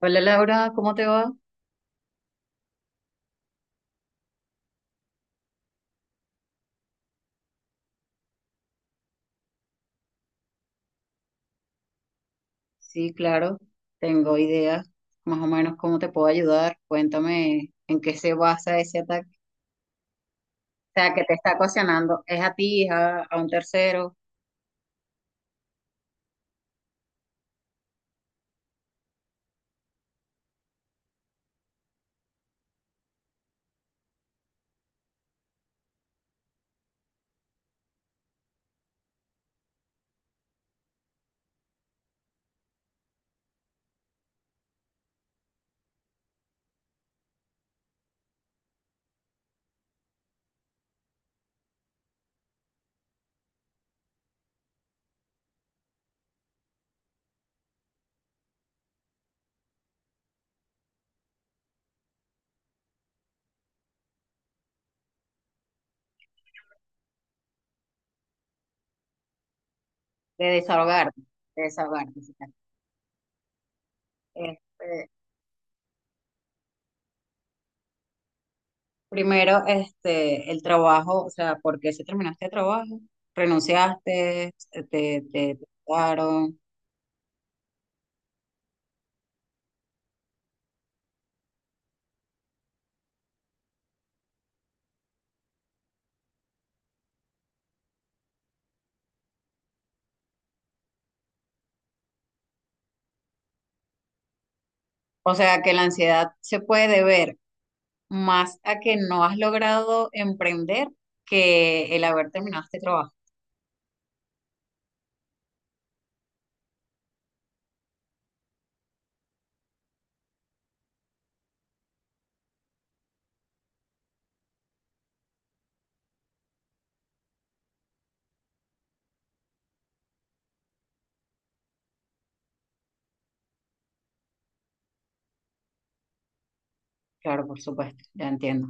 Hola Laura, ¿cómo te va? Sí, claro, tengo ideas más o menos cómo te puedo ayudar. Cuéntame en qué se basa ese ataque. O sea, que te está ocasionando, es a ti, es a un tercero, de desahogarte, de desahogarte. Sí, claro. Este, primero, este, el trabajo, o sea, ¿por qué se terminaste el trabajo? ¿Renunciaste? ¿Te echaron? O sea, que la ansiedad se puede ver más a que no has logrado emprender que el haber terminado este trabajo. Claro, por supuesto, ya entiendo.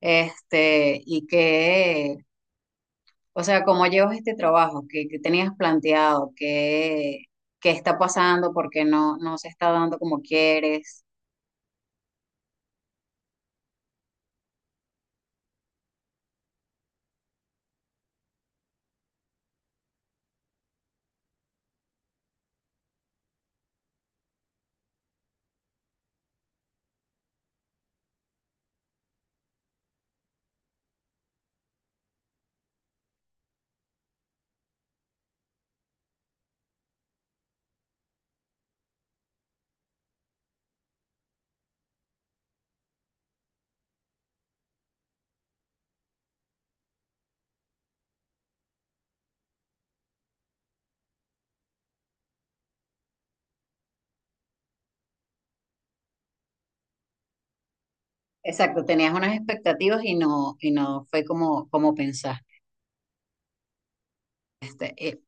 Este, y que, o sea, ¿cómo llevas este trabajo? ¿Qué, qué tenías planteado? ¿Qué, qué está pasando? ¿Por qué no se está dando como quieres? Exacto, tenías unas expectativas y no fue como, como pensaste. Eh,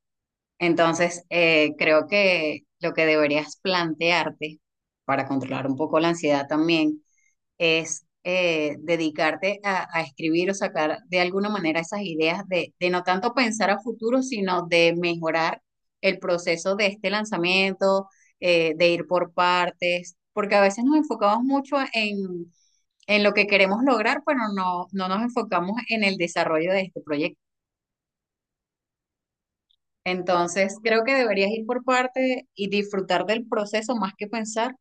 Entonces, creo que lo que deberías plantearte para controlar un poco la ansiedad también es dedicarte a escribir o sacar de alguna manera esas ideas de no tanto pensar a futuro, sino de mejorar el proceso de este lanzamiento, de ir por partes, porque a veces nos enfocamos mucho en lo que queremos lograr, pero no, no nos enfocamos en el desarrollo de este proyecto. Entonces, creo que deberías ir por partes y disfrutar del proceso más que pensar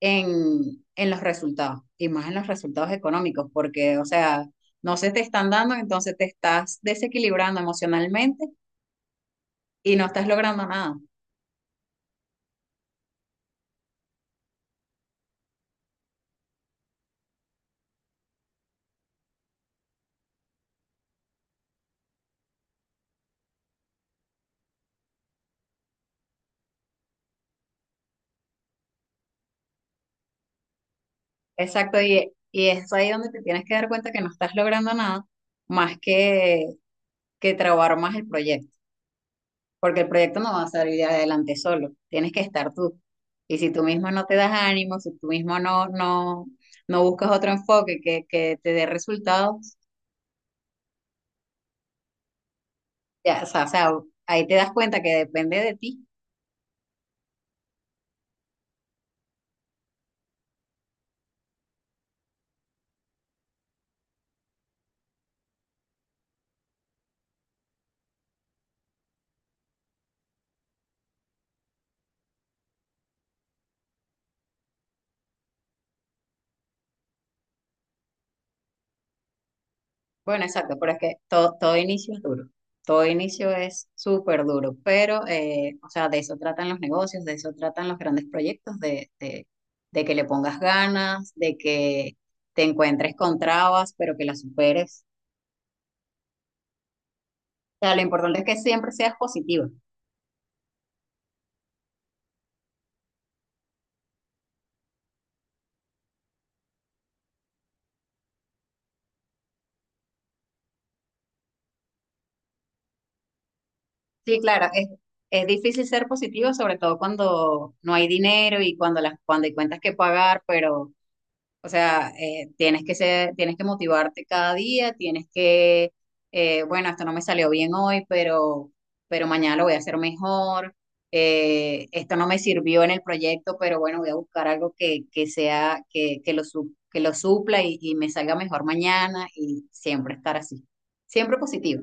en los resultados y más en los resultados económicos, porque, o sea, no se te están dando, entonces te estás desequilibrando emocionalmente y no estás logrando nada. Exacto, y es ahí donde te tienes que dar cuenta que no estás logrando nada más que trabajar más el proyecto, porque el proyecto no va a salir adelante solo, tienes que estar tú. Y si tú mismo no te das ánimo, si tú mismo no buscas otro enfoque que te dé resultados, ya, o sea, ahí te das cuenta que depende de ti. Bueno, exacto, pero es que todo, todo inicio es duro. Todo inicio es súper duro, pero, o sea, de eso tratan los negocios, de eso tratan los grandes proyectos, de que le pongas ganas, de que te encuentres con trabas, pero que las superes. O sea, lo importante es que siempre seas positiva. Sí, claro, es difícil ser positiva, sobre todo cuando no hay dinero y cuando las, cuando hay cuentas que pagar, pero o sea, tienes que ser, tienes que motivarte cada día, tienes que, bueno, esto no me salió bien hoy, pero mañana lo voy a hacer mejor. Esto no me sirvió en el proyecto, pero bueno, voy a buscar algo que sea, que lo, que lo supla y me salga mejor mañana y siempre estar así. Siempre positivo.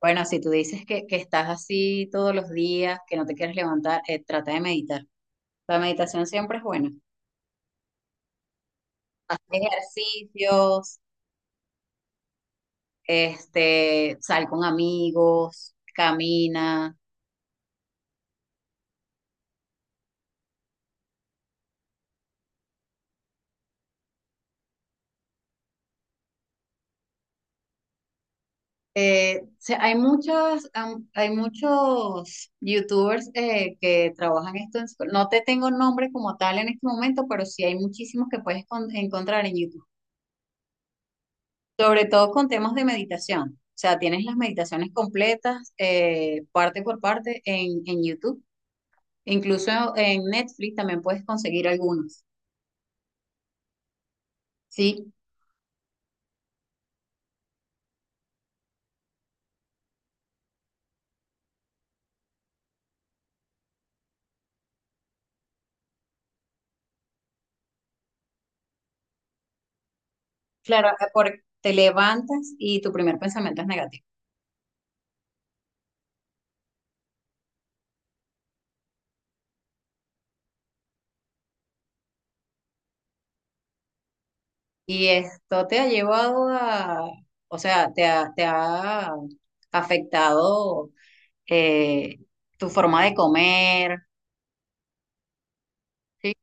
Bueno, si tú dices que estás así todos los días, que no te quieres levantar, trata de meditar. La meditación siempre es buena. Haz ejercicios este, sal con amigos, camina. O hay muchos, hay muchos youtubers que trabajan esto. En no te tengo nombre como tal en este momento, pero sí hay muchísimos que puedes encontrar en YouTube, sobre todo con temas de meditación. O sea, tienes las meditaciones completas, parte por parte, en YouTube. Incluso en Netflix también puedes conseguir algunos. Sí, claro, porque te levantas y tu primer pensamiento es negativo. Y esto te ha llevado a, o sea, te ha afectado eh, tu forma de comer, ¿sí?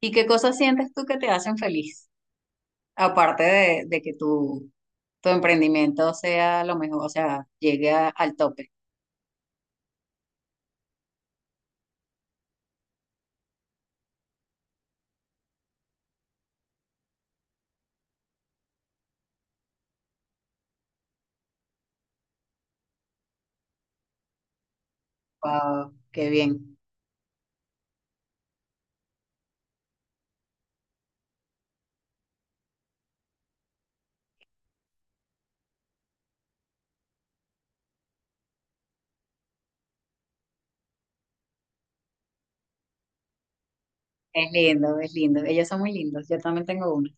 ¿Y qué cosas sientes tú que te hacen feliz? Aparte de que tu emprendimiento sea lo mejor, o sea, al tope. Wow, qué bien. Es lindo, es lindo. Ellos son muy lindos. Yo también tengo uno.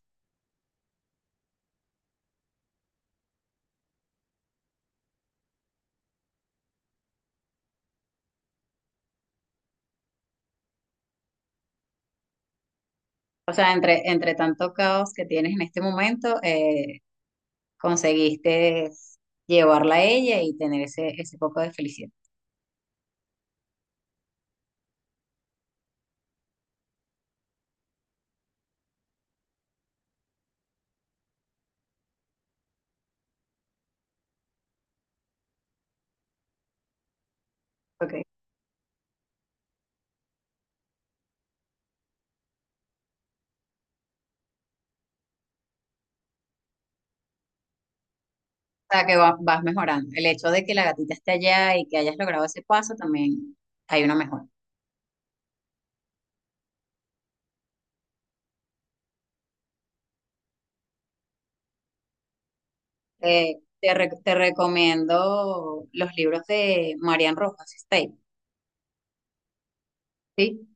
O sea, entre, entre tanto caos que tienes en este momento, conseguiste llevarla a ella y tener ese, ese poco de felicidad. Ok. O sea, que vas mejorando. El hecho de que la gatita esté allá y que hayas logrado ese paso, también hay una mejora. Te, te recomiendo los libros de Marian Rojas State, ¿sí?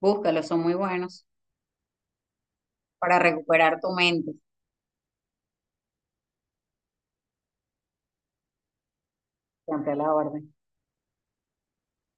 Búscalos, son muy buenos para recuperar tu mente. Siempre a la orden.